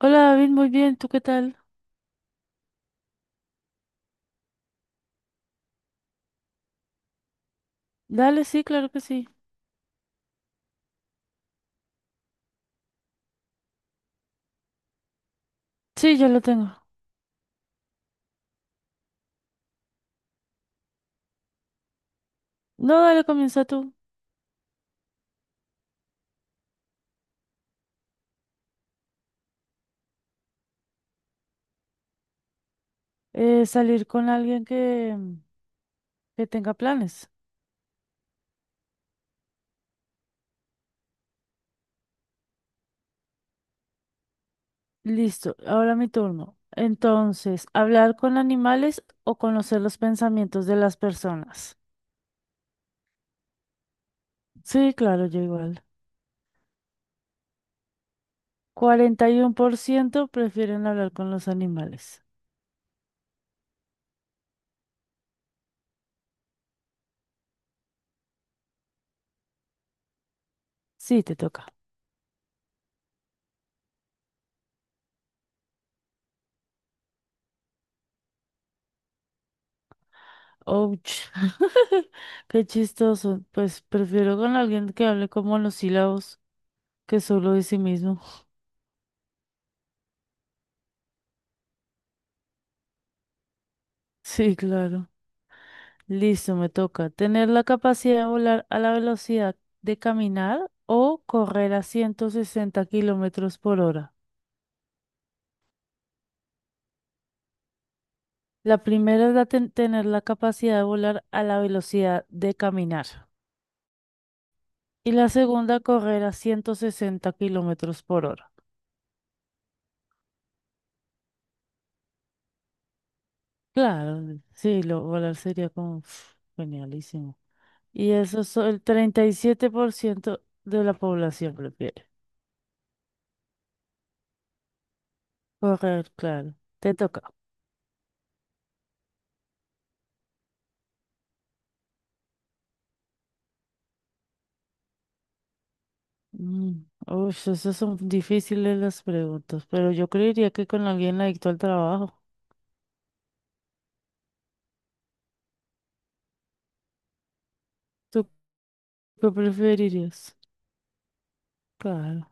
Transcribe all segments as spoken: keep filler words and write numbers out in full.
Hola David, muy bien, ¿tú qué tal? Dale, sí, claro que sí. Sí, ya lo tengo. No, dale, comienza tú. Eh, salir con alguien que, mm, que tenga planes. Listo, ahora mi turno. Entonces, hablar con animales o conocer los pensamientos de las personas. Sí, claro, yo igual. Cuarenta y uno por ciento prefieren hablar con los animales. Sí, te toca. Ouch. Qué chistoso. Pues prefiero con alguien que hable con monosílabos que solo de sí mismo. Sí, claro. Listo, me toca. Tener la capacidad de volar a la velocidad de caminar o correr a ciento sesenta kilómetros por hora. La primera es la ten- tener la capacidad de volar a la velocidad de caminar. Y la segunda, correr a ciento sesenta kilómetros por hora. Claro, sí, lo, volar sería como uf, genialísimo. Y eso es el treinta y siete por ciento de la población prefiere. Correr, claro. Te toca. Mm, Uf, esas son difíciles las preguntas, pero yo creería que con alguien adicto al trabajo. ¿Tú qué preferirías? Claro.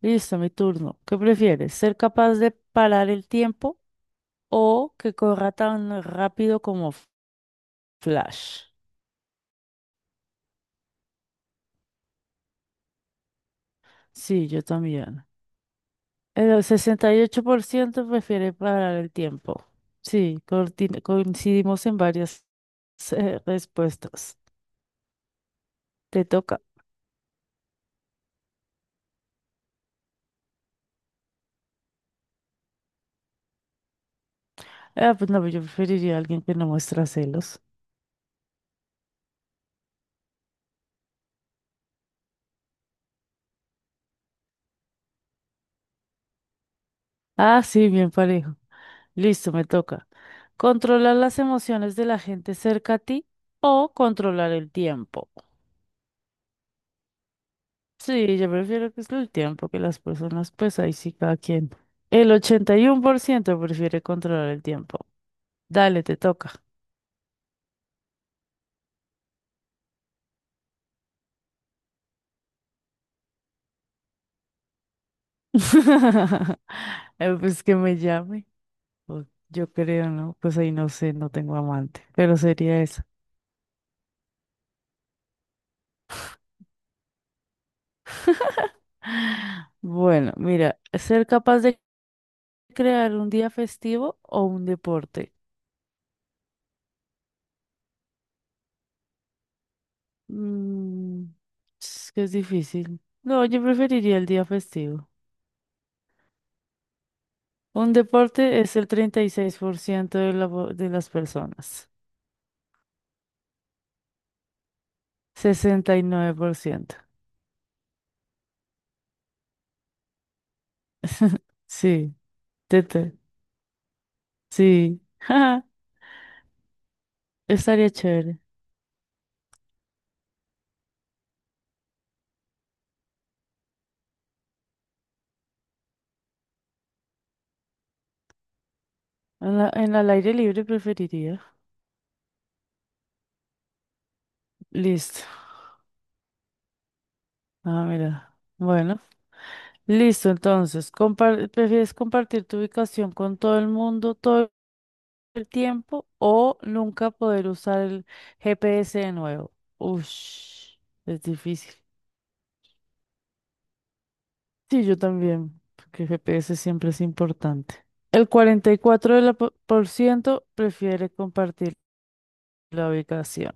Listo, mi turno. ¿Qué prefieres? ¿Ser capaz de parar el tiempo o que corra tan rápido como F- Flash? Sí, yo también. El sesenta y ocho por ciento prefiere parar el tiempo. Sí, corti- coincidimos en varias eh, respuestas. Te toca. Ah, pues no, yo preferiría a alguien que no muestra celos. Ah, sí, bien parejo. Listo, me toca. Controlar las emociones de la gente cerca a ti o controlar el tiempo. Sí, yo prefiero que es el tiempo que las personas, pues ahí sí cada quien. El ochenta y uno por ciento prefiere controlar el tiempo. Dale, te toca. Eh, Pues que me llame. O yo creo, ¿no? Pues ahí no sé, no tengo amante, pero sería eso. Bueno, mira, ser capaz de crear un día festivo o un deporte. Mm, es que es difícil. No, yo preferiría el día festivo. Un deporte es el treinta y seis por ciento de, la, po- de las personas. Sesenta y nueve por ciento. Sí, tete. Sí. Estaría chévere. En la, en el aire libre preferiría. Listo. Ah, mira. Bueno. Listo, entonces. Compar- ¿prefieres compartir tu ubicación con todo el mundo todo el tiempo o nunca poder usar el G P S de nuevo? Ush, es difícil. Sí, yo también, porque el G P S siempre es importante. El cuarenta y cuatro de la po- por ciento prefiere compartir la ubicación.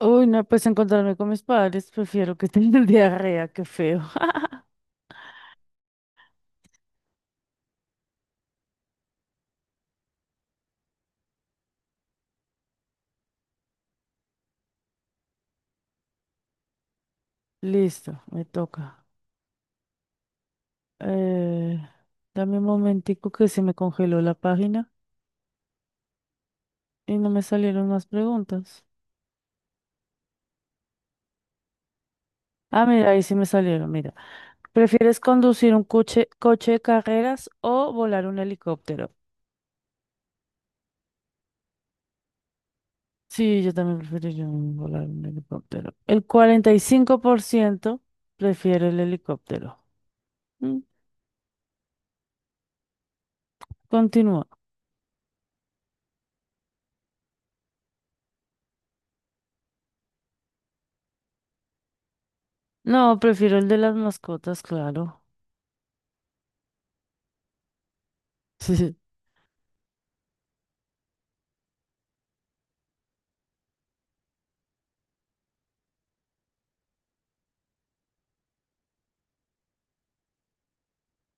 Uy, no, pues encontrarme con mis padres, prefiero que tener diarrea, qué feo. Listo, me toca. Eh, Dame un momentico que se me congeló la página y no me salieron más preguntas. Ah, mira, ahí sí me salieron, mira. ¿Prefieres conducir un coche, coche de carreras o volar un helicóptero? Sí, yo también preferiría un- volar un helicóptero. El cuarenta y cinco por ciento prefiere el helicóptero. Mm, Continúa. No, prefiero el de las mascotas, claro.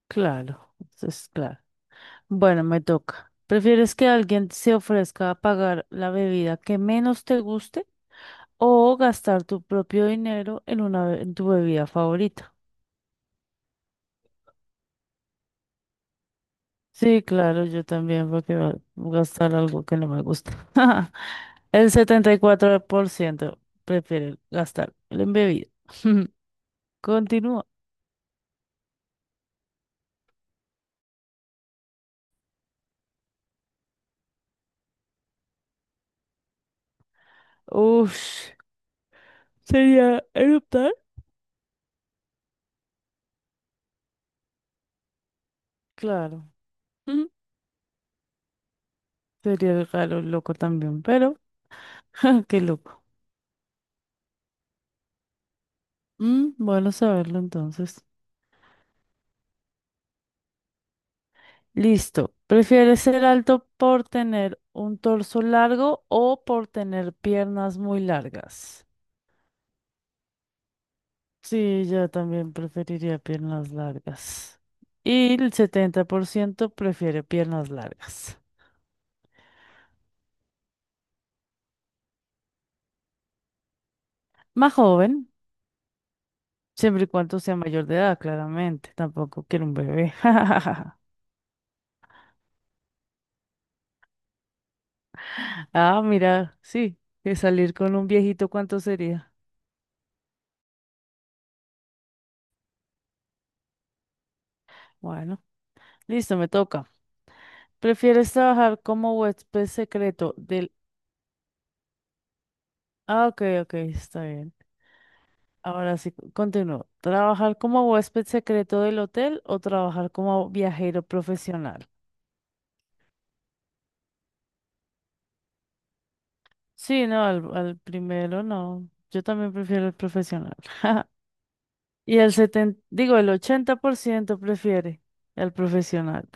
Claro, eso es claro. Bueno, me toca. ¿Prefieres que alguien se ofrezca a pagar la bebida que menos te guste o gastar tu propio dinero en una, be- en tu bebida favorita? Sí, claro, yo también, porque va voy a gastar algo que no me gusta. El setenta y cuatro por ciento prefiere gastar en bebida. Continúa. Ush, ¿sería eruptar? Claro. Mm, Sería raro, loco también, pero qué loco. Mm, bueno saberlo entonces. Listo. ¿Prefieres ser alto por tener un torso largo o por tener piernas muy largas? Sí, yo también preferiría piernas largas. Y el setenta por ciento prefiere piernas largas. Más joven, siempre y cuando sea mayor de edad, claramente. Tampoco quiero un bebé. Ah, mira, sí, que salir con un viejito, ¿cuánto sería? Bueno, listo, me toca. ¿Prefieres trabajar como huésped secreto del... Ah, ok, ok, está bien. Ahora sí, continúo. ¿Trabajar como huésped secreto del hotel o trabajar como viajero profesional? Sí, no, al, al primero no. Yo también prefiero el profesional. Y el setenta, digo, el ochenta por ciento prefiere el profesional.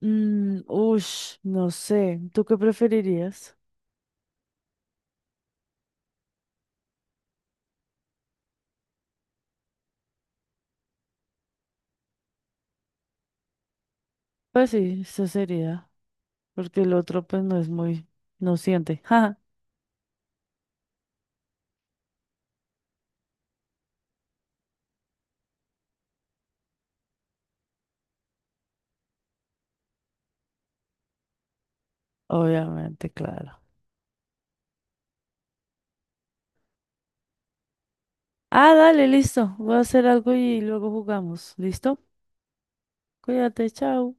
Mm, ush, no sé. ¿Tú qué preferirías? Pues sí, eso sería. Porque el otro, pues no es muy, no siente. Obviamente, claro. Ah, dale, listo. Voy a hacer algo y luego jugamos. ¿Listo? Cuídate, chao.